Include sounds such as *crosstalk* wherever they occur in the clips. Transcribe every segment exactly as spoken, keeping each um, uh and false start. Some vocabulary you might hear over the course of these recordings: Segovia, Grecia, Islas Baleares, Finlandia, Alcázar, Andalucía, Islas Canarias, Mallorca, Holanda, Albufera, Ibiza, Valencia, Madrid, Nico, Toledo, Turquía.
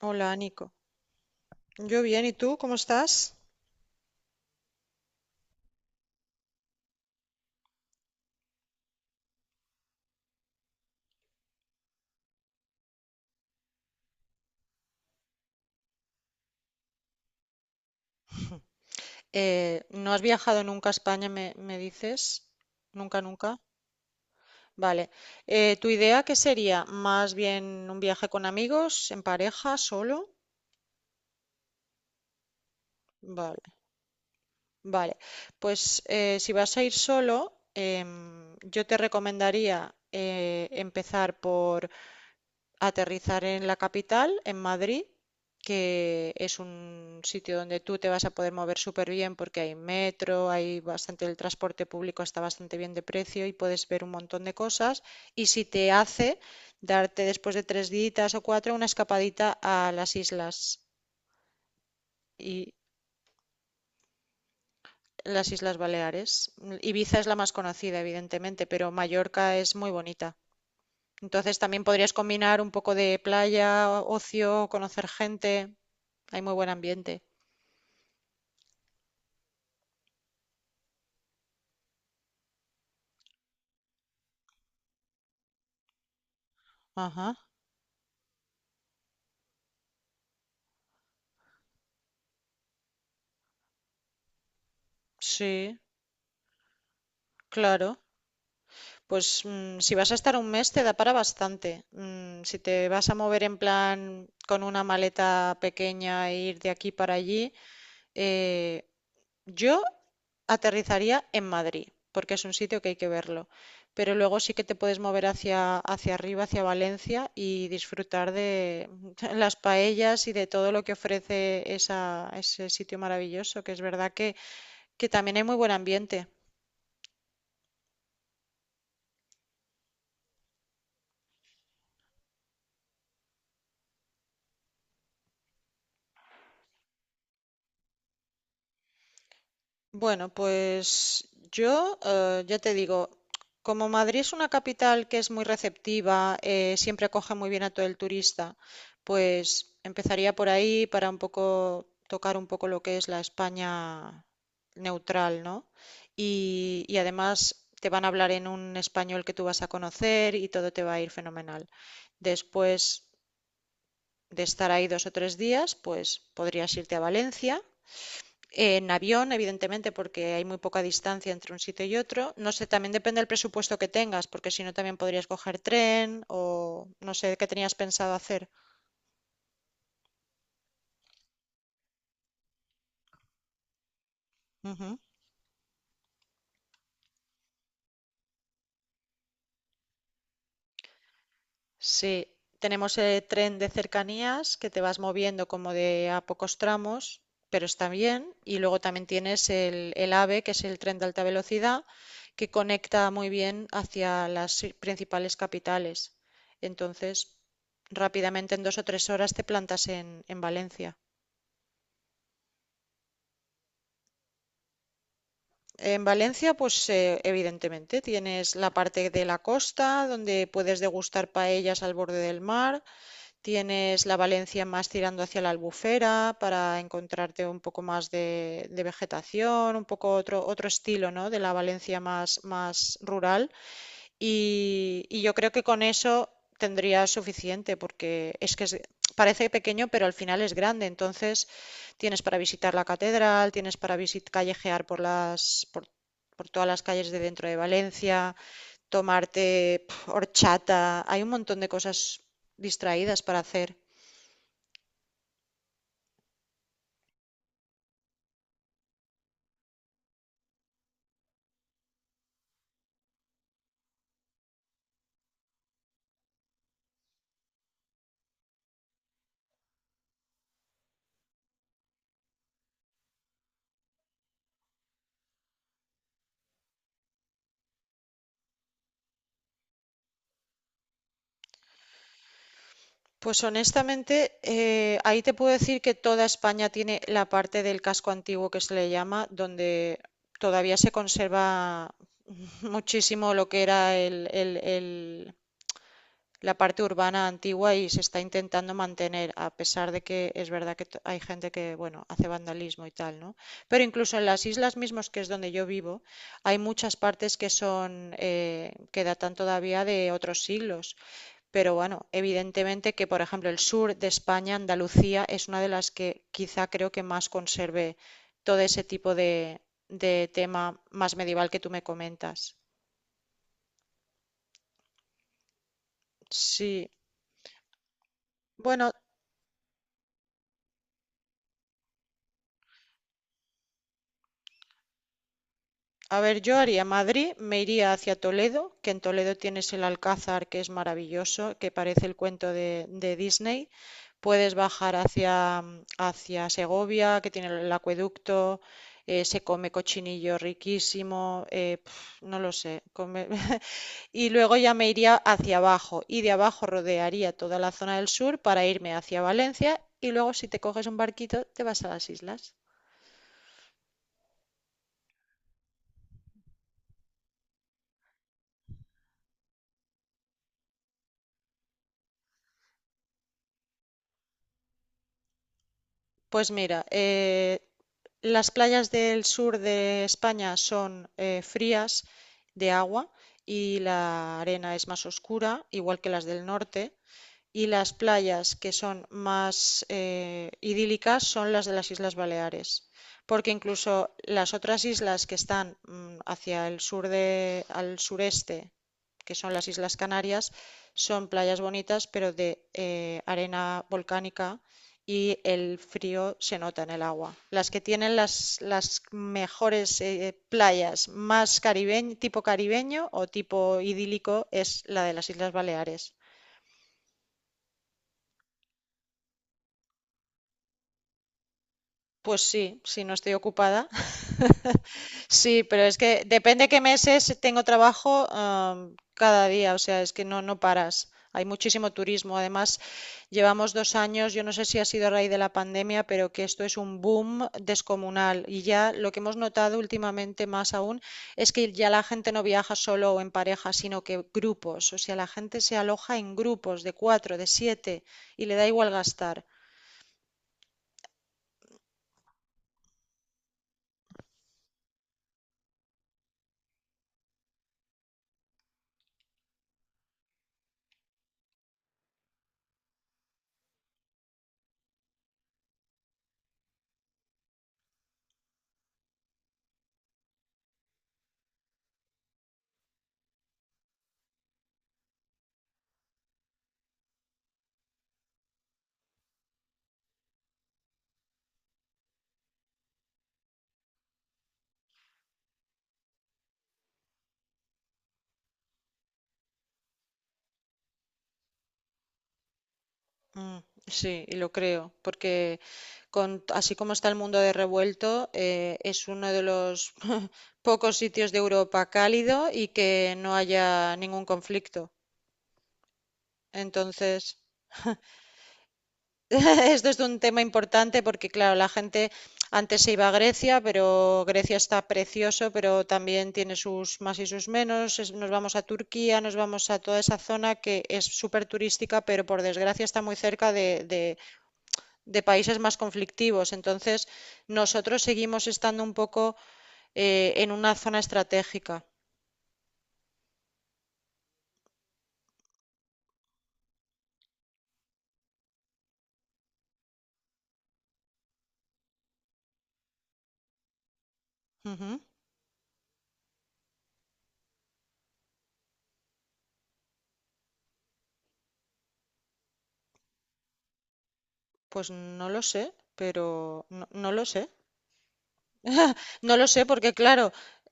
Hola, Nico. Yo bien, ¿y tú cómo estás? Eh, ¿no has viajado nunca a España, me, me dices? Nunca, nunca. Vale. Eh, ¿tu idea qué sería? ¿Más bien un viaje con amigos, en pareja, solo? Vale, vale. Pues eh, si vas a ir solo, em, yo te recomendaría eh, empezar por aterrizar en la capital, en Madrid, que es un sitio donde tú te vas a poder mover súper bien porque hay metro, hay bastante, el transporte público está bastante bien de precio y puedes ver un montón de cosas. Y si te hace darte después de tres días o cuatro una escapadita a las islas y las Islas Baleares. Ibiza es la más conocida, evidentemente, pero Mallorca es muy bonita. Entonces también podrías combinar un poco de playa, ocio, conocer gente. Hay muy buen ambiente. Ajá, sí, claro. Pues mm, si vas a estar un mes te da para bastante. Mm, si te vas a mover en plan con una maleta pequeña e ir de aquí para allí, eh, yo aterrizaría en Madrid, porque es un sitio que hay que verlo. Pero luego sí que te puedes mover hacia, hacia arriba, hacia Valencia y disfrutar de *laughs* las paellas y de todo lo que ofrece esa, ese sitio maravilloso, que es verdad que, que también hay muy buen ambiente. Bueno, pues yo eh, ya te digo, como Madrid es una capital que es muy receptiva, eh, siempre acoge muy bien a todo el turista, pues empezaría por ahí para un poco tocar un poco lo que es la España neutral, ¿no? Y, y además te van a hablar en un español que tú vas a conocer y todo te va a ir fenomenal. Después de estar ahí dos o tres días, pues podrías irte a Valencia en avión, evidentemente, porque hay muy poca distancia entre un sitio y otro. No sé, también depende del presupuesto que tengas, porque si no también podrías coger tren o no sé qué tenías pensado hacer. Ujú. Sí, tenemos el tren de cercanías que te vas moviendo como de a pocos tramos, pero está bien. Y luego también tienes el, el AVE, que es el tren de alta velocidad, que conecta muy bien hacia las i- principales capitales. Entonces, rápidamente en dos o tres horas te plantas en, en Valencia. En Valencia, pues eh, evidentemente tienes la parte de la costa donde puedes degustar paellas al borde del mar. Tienes la Valencia más tirando hacia la Albufera para encontrarte un poco más de, de vegetación, un poco otro, otro estilo, ¿no? de la Valencia más, más rural. Y, y yo creo que con eso tendría suficiente, porque es que es- parece pequeño, pero al final es grande. Entonces tienes para visitar la catedral, tienes para visit- callejear por las, por, por todas las calles de dentro de Valencia, tomarte pf, horchata. Hay un montón de cosas distraídas para hacer. Pues honestamente, eh, ahí te puedo decir que toda España tiene la parte del casco antiguo que se le llama, donde todavía se conserva *laughs* muchísimo lo que era el- el- el- la parte urbana antigua y se está intentando mantener, a pesar de que es verdad que t- hay gente que, bueno, hace vandalismo y tal, ¿no? Pero incluso en las islas mismas, que es donde yo vivo, hay muchas partes que son, eh, que datan todavía de otros siglos. Pero bueno, evidentemente que, por ejemplo, el sur de España, Andalucía, es una de las que quizá creo que más conserve todo ese tipo de, de tema más medieval que tú me comentas. Sí. Bueno, a ver, yo haría Madrid, me iría hacia Toledo, que en Toledo tienes el Alcázar, que es maravilloso, que parece el cuento de, de Disney. Puedes bajar hacia, hacia Segovia, que tiene el acueducto, eh, se come cochinillo riquísimo, eh, pf, no lo sé. Come- *laughs* Y luego ya me iría hacia abajo y de abajo rodearía toda la zona del sur para irme hacia Valencia y luego si te coges un barquito te vas a las islas. Pues mira, eh, las playas del sur de España son eh, frías de agua y la arena es más oscura, igual que las del norte. Y las playas que son más eh, idílicas son las de las Islas Baleares, porque incluso las otras islas que están mm, hacia el sur de, al sureste, que son las Islas Canarias, son playas bonitas, pero de eh, arena volcánica y el frío se nota en el agua. Las que tienen las, las mejores eh, playas más caribeño, tipo caribeño o tipo idílico es la de las Islas Baleares. Pues sí, si no estoy ocupada. *laughs* Sí, pero es que depende qué meses tengo trabajo, am, cada día, o sea, es que no, no paras. Hay muchísimo turismo. Además, llevamos dos años, yo no sé si ha sido a raíz de la pandemia, pero que esto es un boom descomunal. Y ya lo que hemos notado últimamente más aún es que ya la gente no viaja solo o en pareja, sino que grupos. O sea, la gente se aloja en grupos de cuatro, de siete y le da igual gastar. Mm, sí, y lo creo, porque con, así como está el mundo de revuelto, eh, es uno de los *laughs* pocos sitios de Europa cálido y que no haya ningún conflicto. Entonces, *laughs* esto es un tema importante porque, claro, la gente antes se iba a Grecia, pero Grecia está precioso, pero también tiene sus más y sus menos. Es- Nos vamos a Turquía, nos vamos a toda esa zona que es súper turística, pero por desgracia está muy cerca de, de países más conflictivos. Entonces, nosotros seguimos estando un poco eh, en una zona estratégica. Ujú. Pues no lo sé, pero no, no lo sé. *laughs* No lo sé porque, claro,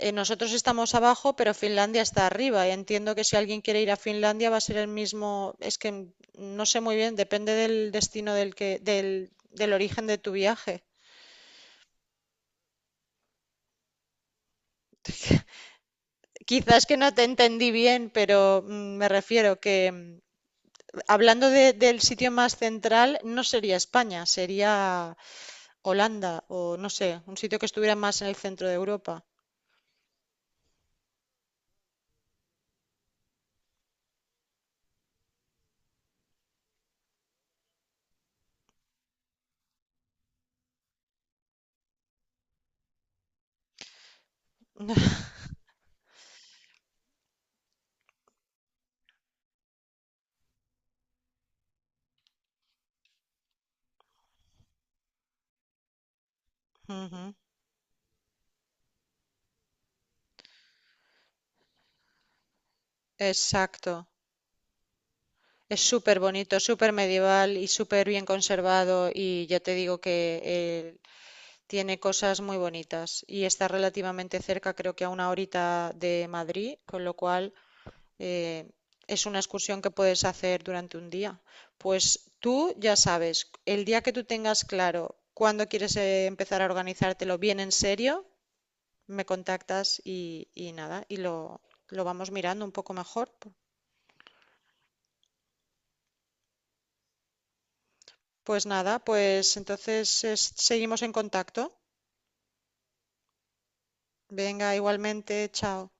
eh, nosotros estamos abajo, pero Finlandia está arriba. Y entiendo que si alguien quiere ir a Finlandia va a ser el mismo. Es que n- no sé muy bien, depende del destino del que, del, del origen de tu viaje. Quizás que no te entendí bien, pero mm, me refiero que, mm, hablando de- del sitio más central, no sería España, sería Holanda o no sé, un sitio que estuviera más en el centro de Europa. *laughs* Ujú, exacto. Es súper bonito, súper medieval y súper bien conservado y ya te digo que eh, tiene cosas muy bonitas y está relativamente cerca, creo que a una horita de Madrid, con lo cual eh, es una excursión que puedes hacer durante un día. Pues tú ya sabes, el día que tú tengas claro cuándo quieres eh, empezar a organizártelo bien en serio, me contactas y, y nada, y lo, lo vamos mirando un poco mejor. Pues nada, pues entonces es- seguimos en contacto. Venga, igualmente, chao.